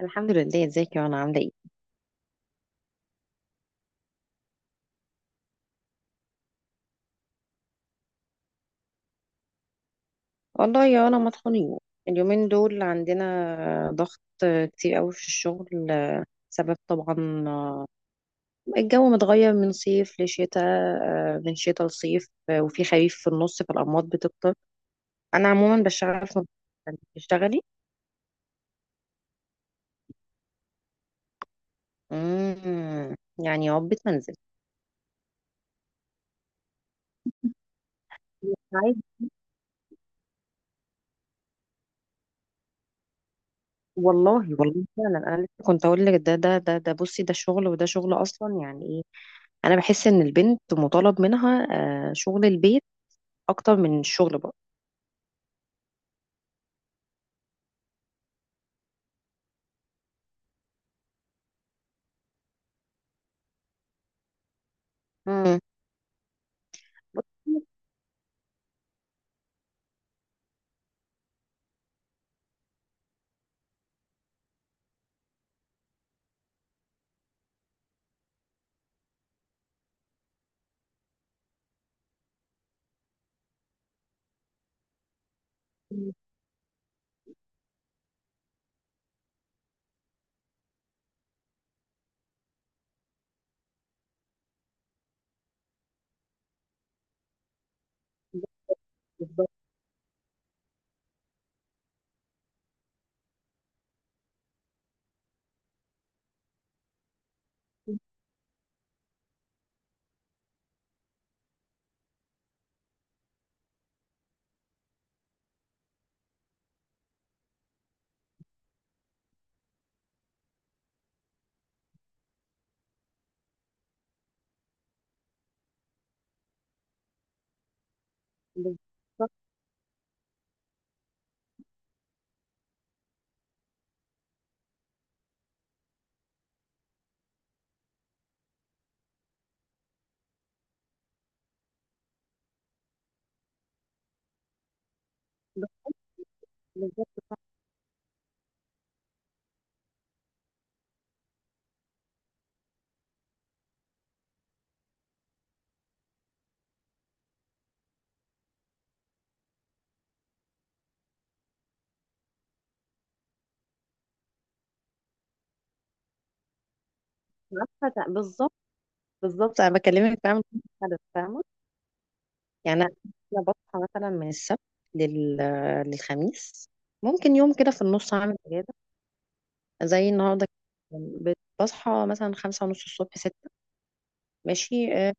الحمد لله. ازيك؟ يا انا عامله ايه؟ والله يا انا مطحونين. اليومين دول عندنا ضغط كتير قوي في الشغل. سبب طبعا الجو متغير من صيف لشتاء، من شتاء لصيف، وفي خريف في النص، فالأمراض بتكتر. أنا عموما بشتغل في... انت بتشتغلي؟ امم يعني عقبة منزل. ساعات والله. والله فعلا انا لسه كنت اقول لك، ده بصي، ده شغل وده شغل اصلا، يعني ايه؟ انا بحس ان البنت مطالب منها شغل البيت اكتر من الشغل برضه. امم. بالظبط. بالظبط. بالظبط، عارفة. بالظبط. بالظبط، انا بكلمك فاهمة الهدف، فاهمة. يعني انا... أنا بصحى مثلا من السبت لل... للخميس. ممكن يوم كده في النص اعمل اجازة زي النهارده كده. بصحى مثلا 5:30 الصبح، ستة، ماشي.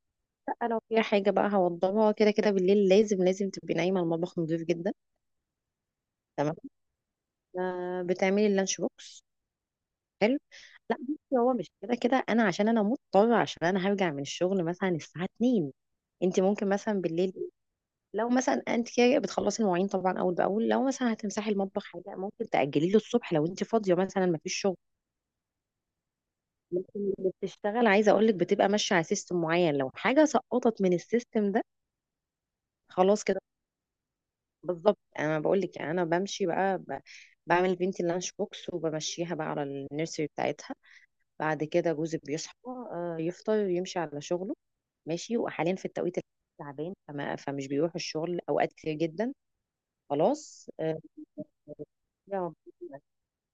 لا لو في حاجة بقى هوضبها كده كده بالليل. لازم لازم تبقي نايمة، المطبخ نضيف جدا، تمام. بتعملي اللانش بوكس. حلو. لا بصي، هو مش كده كده، انا عشان انا مضطره، عشان انا هرجع من الشغل مثلا الساعه 2. انت ممكن مثلا بالليل، لو مثلا انت كده بتخلصي المواعين طبعا اول باول، لو مثلا هتمسحي المطبخ، حاجه ممكن تاجلي له الصبح لو انت فاضيه مثلا ما فيش شغل. لكن اللي بتشتغل، عايزه اقول لك، بتبقى ماشيه على سيستم معين. لو حاجه سقطت من السيستم ده خلاص كده. بالظبط، انا بقول لك. يعني انا بمشي بقى بعمل بنتي اللانش بوكس، وبمشيها بقى على النيرسري بتاعتها. بعد كده جوزي بيصحى، يفطر، يمشي على شغله ماشي. وحاليا في التوقيت الحالي تعبان، فمش بيروح الشغل اوقات كتير جدا. خلاص. يا رب.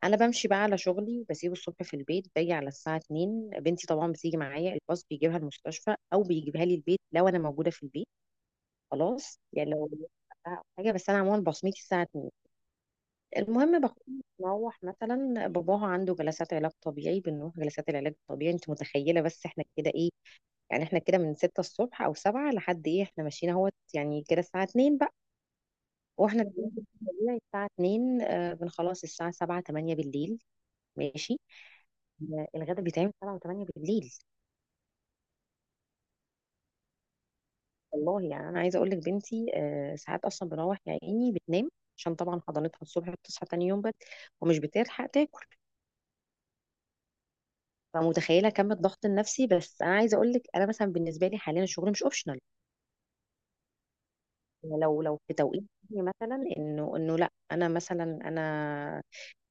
انا بمشي بقى على شغلي، بسيبه الصبح في البيت، باجي على الساعه 2. بنتي طبعا بتيجي معايا، الباص بيجيبها المستشفى او بيجيبها لي البيت لو انا موجوده في البيت. خلاص يعني لو حاجه. بس انا عموما بصمتي الساعه 2. المهم بكون بروح مثلا، باباها عنده جلسات علاج طبيعي، بنروح جلسات العلاج الطبيعي. انت متخيله بس احنا كده ايه؟ يعني احنا كده من ستة الصبح او سبعة لحد ايه، احنا ماشيين اهوت يعني كده الساعة 2 بقى. واحنا طبيعي الساعة 2 بنخلص الساعة 7 8 بالليل ماشي. الغدا بيتعمل 7 و8 بالليل. والله يعني انا عايزة اقول لك، بنتي ساعات اصلا بنروح يا عيني بتنام. عشان طبعا حضانتها الصبح بتصحى تاني يوم بدري، ومش بتلحق تاكل. فمتخيله كم الضغط النفسي. بس انا عايزه اقول لك، انا مثلا بالنسبه لي حاليا الشغل مش اوبشنال. لو في توقيت مثلا انه لا، انا مثلا انا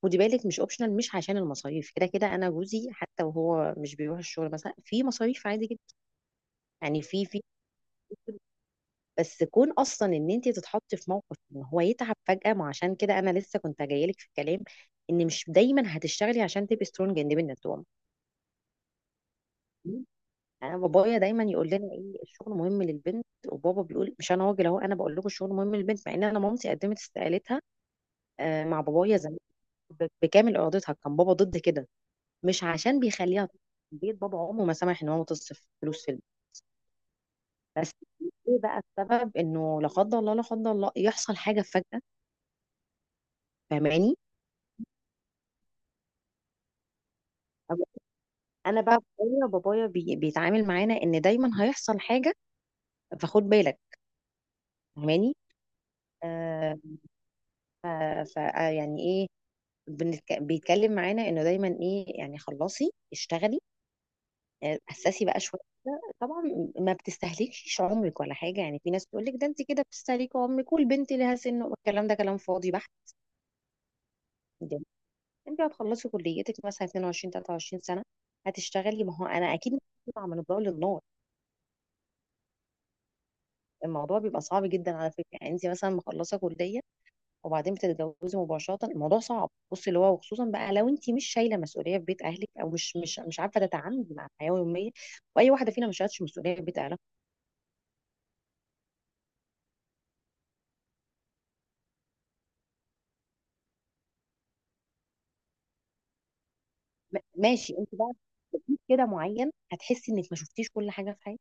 خدي بالك مش اوبشنال، مش عشان المصاريف. كده كده انا جوزي حتى وهو مش بيروح الشغل مثلا، في مصاريف عادي جدا يعني. في بس كون اصلا ان انت تتحطي في موقف ان هو يتعب فجأة. ما عشان كده انا لسه كنت جايلك في الكلام، ان مش دايما هتشتغلي عشان تبقي سترونج اندبندنت وومن. انا بابايا دايما يقول لنا، ايه الشغل مهم للبنت. وبابا بيقول، مش انا راجل اهو انا بقول لكم الشغل مهم للبنت، مع ان انا مامتي قدمت استقالتها، مع بابايا زمان، بكامل ارادتها. كان بابا ضد كده، مش عشان بيخليها تصرف في البيت، بابا عمره ما سمح ان هو تصرف فلوس في البيت. بس ايه بقى السبب؟ انه لا قدر الله لا قدر الله يحصل حاجه فجأة. فاهماني؟ أو- انا بقى بابايا بيتعامل معانا ان دايما هيحصل حاجه، فخد بالك. فاهماني؟ آه ف يعني ايه؟ بيتكلم معانا انه دايما ايه؟ يعني خلصي اشتغلي، اسسي بقى شويه كده. طبعا ما بتستهلكيش عمرك ولا حاجه، يعني في ناس تقول لك، ده انت كده بتستهلكي عمرك والبنت لها سن. الكلام ده كلام فاضي بحت. جميل. انت هتخلصي كليتك مثلا 22 23 سنه، هتشتغلي. ما هو انا اكيد بطلع من الضوء للنار. الموضوع بيبقى صعب جدا على فكره، يعني انت مثلا مخلصه كليه وبعدين بتتجوزي مباشره، الموضوع صعب، بصي اللي هو، وخصوصا بقى لو انت مش شايله مسؤوليه في بيت اهلك، او مش عارفه تتعاملي مع الحياه اليوميه. واي واحده فينا ما شالتش مسؤوليه في بيت اهلها. ماشي، انت بقى في بيت كده معين هتحسي انك ما شفتيش كل حاجه في حياتك.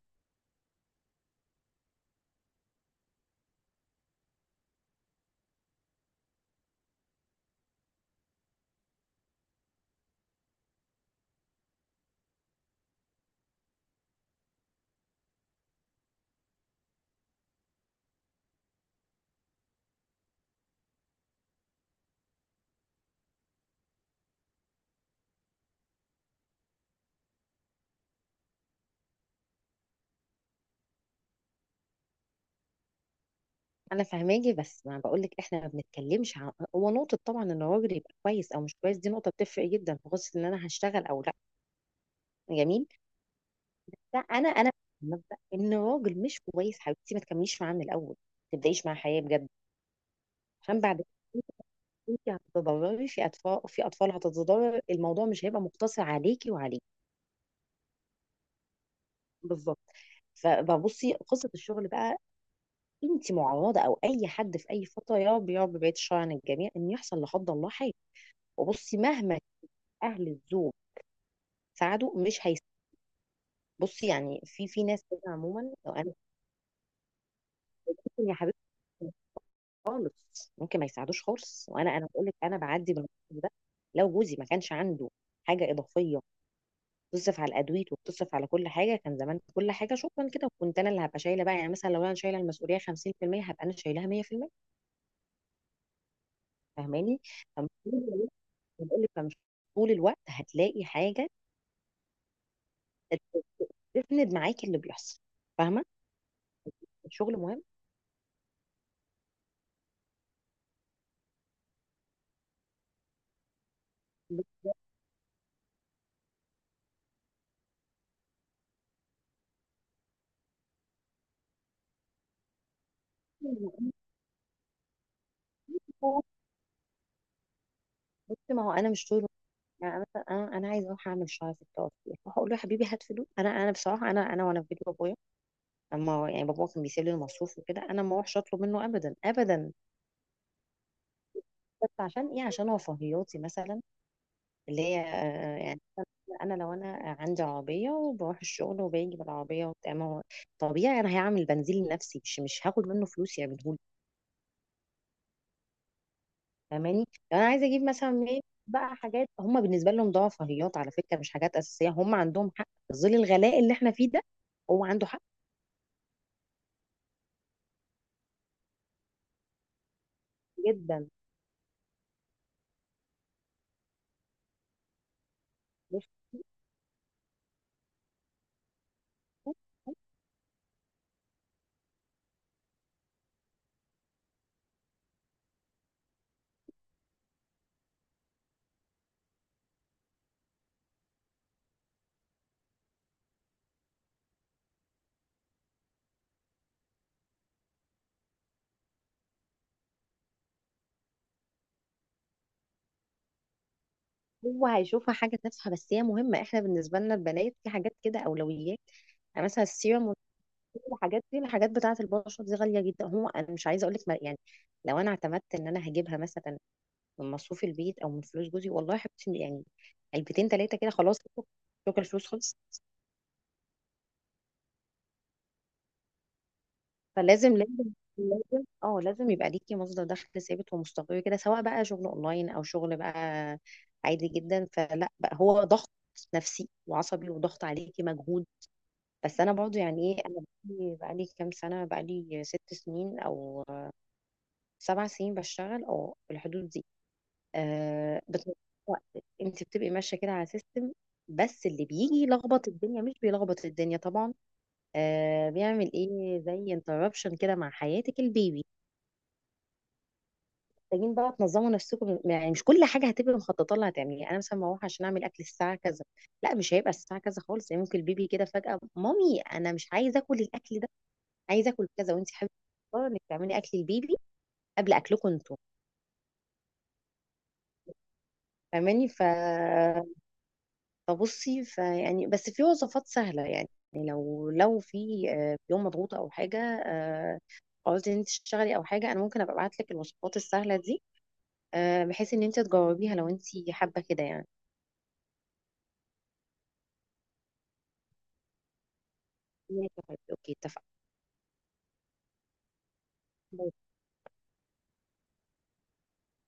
انا فاهماكي، بس ما بقول لك، احنا ما بنتكلمش عن، هو نقطه طبعا ان الراجل يبقى كويس او مش كويس دي نقطه بتفرق جدا في قصه ان انا هشتغل او لا، جميل. لا انا مبدا ان الراجل مش كويس حبيبتي، ما تكمليش معاه من الاول، ما تبدايش معاه حياه بجد. عشان بعد كده انت هتتضرري، في اطفال، في اطفال هتتضرر، الموضوع مش هيبقى مقتصر عليكي وعليه. بالظبط. فبصي، قصه الشغل بقى، انت معرضه او اي حد في اي فتره، يا رب يا رب بعيد الشر عن الجميع، ان يحصل لا قدر الله حاجه. وبصي، مهما اهل الزوج ساعده، مش هيس... بصي يعني في ناس كده عموما. لو انا ممكن يا حبيبتي خالص، ممكن ما يساعدوش خالص. وانا، انا بقول لك، انا بعدي من الموقف ده. لو جوزي ما كانش عنده حاجه اضافيه تصرف على الادوية وتصرف على كل حاجه، كان زمان كل حاجه شكرا كده، وكنت انا اللي هبقى شايله بقى. يعني مثلا لو انا شايله المسؤوليه 50%، هبقى انا شايلها 100%. فاهماني؟ فمش- بقول لك، فمش طول الوقت هتلاقي حاجه تسند معاكي اللي بيحصل. فاهمه. الشغل مهم. بس ما هو بس ما هو انا مش طول، يعني مثلا انا عايزه اروح اعمل شعري في التوفيق، فهقول له يا حبيبي هات فلوس. انا بصراحه، انا وانا في بيت بابايا، اما يعني، بابا كان بيسيب لي المصروف وكده، انا ما اروحش اطلب منه ابدا ابدا. بس عشان ايه؟ عشان رفاهياتي مثلا، اللي هي يعني، انا لو انا عندي عربيه وبروح الشغل وباجي بالعربيه وبتاع، ما هو طبيعي انا هعمل بنزين لنفسي، مش هاخد منه فلوس يعملهولي. فاهماني؟ لو انا عايزه اجيب مثلا ايه بقى حاجات، هم بالنسبه لهم ده رفاهيات على فكره مش حاجات اساسيه، هم عندهم حق في ظل الغلاء اللي احنا فيه ده. هو عنده حق جدا. نفسي، هو هيشوفها حاجة تافهة بس هي مهمة. احنا بالنسبة لنا البنات في حاجات كده أولويات، يعني مثلا السيرم والكريم والحاجات دي، الحاجات بتاعة البشرة دي غالية جدا. هو أنا مش عايزة أقولك يعني، لو أنا اعتمدت إن أنا هجيبها مثلا من مصروف البيت أو من فلوس جوزي، والله يا حبيبتي يعني، علبتين تلاتة كده خلاص، شكرا الفلوس خلصت. فلازم لازم لازم لازم يبقى ليكي مصدر دخل ثابت ومستقر كده، سواء بقى شغل اونلاين او شغل بقى عادي جدا. فلا بقى، هو ضغط نفسي وعصبي وضغط عليكي مجهود. بس انا برضو يعني ايه، انا بقالي كام سنه، بقالي 6 سنين او 7 سنين بشتغل، او في الحدود دي. بتضيع وقت. انت بتبقي ماشيه كده على سيستم، بس اللي بيجي يلخبط الدنيا، مش بيلخبط الدنيا طبعا، بيعمل ايه زي انتربشن كده مع حياتك البيبي. محتاجين بقى تنظموا نفسكم، يعني مش كل حاجه هتبقي مخططه لها هتعمليها، يعني انا مثلا بروح عشان اعمل اكل الساعه كذا، لا مش هيبقى الساعه كذا خالص، يعني ممكن البيبي كده فجاه، مامي انا مش عايز اكل الاكل ده، عايز اكل كذا، وانت حابه انك تعملي اكل البيبي قبل اكلكم انتوا. فاهماني؟ فبصي، فيعني، بس في وصفات سهله يعني. لو في يوم مضغوط او حاجه، آه، قلت ان انت تشتغلي او حاجه، انا ممكن ابقى ابعت لك الوصفات السهله دي، بحيث ان انت تجاوبيها لو انت حابه كده يعني. ماشي يا حبيبي اوكي اتفقنا.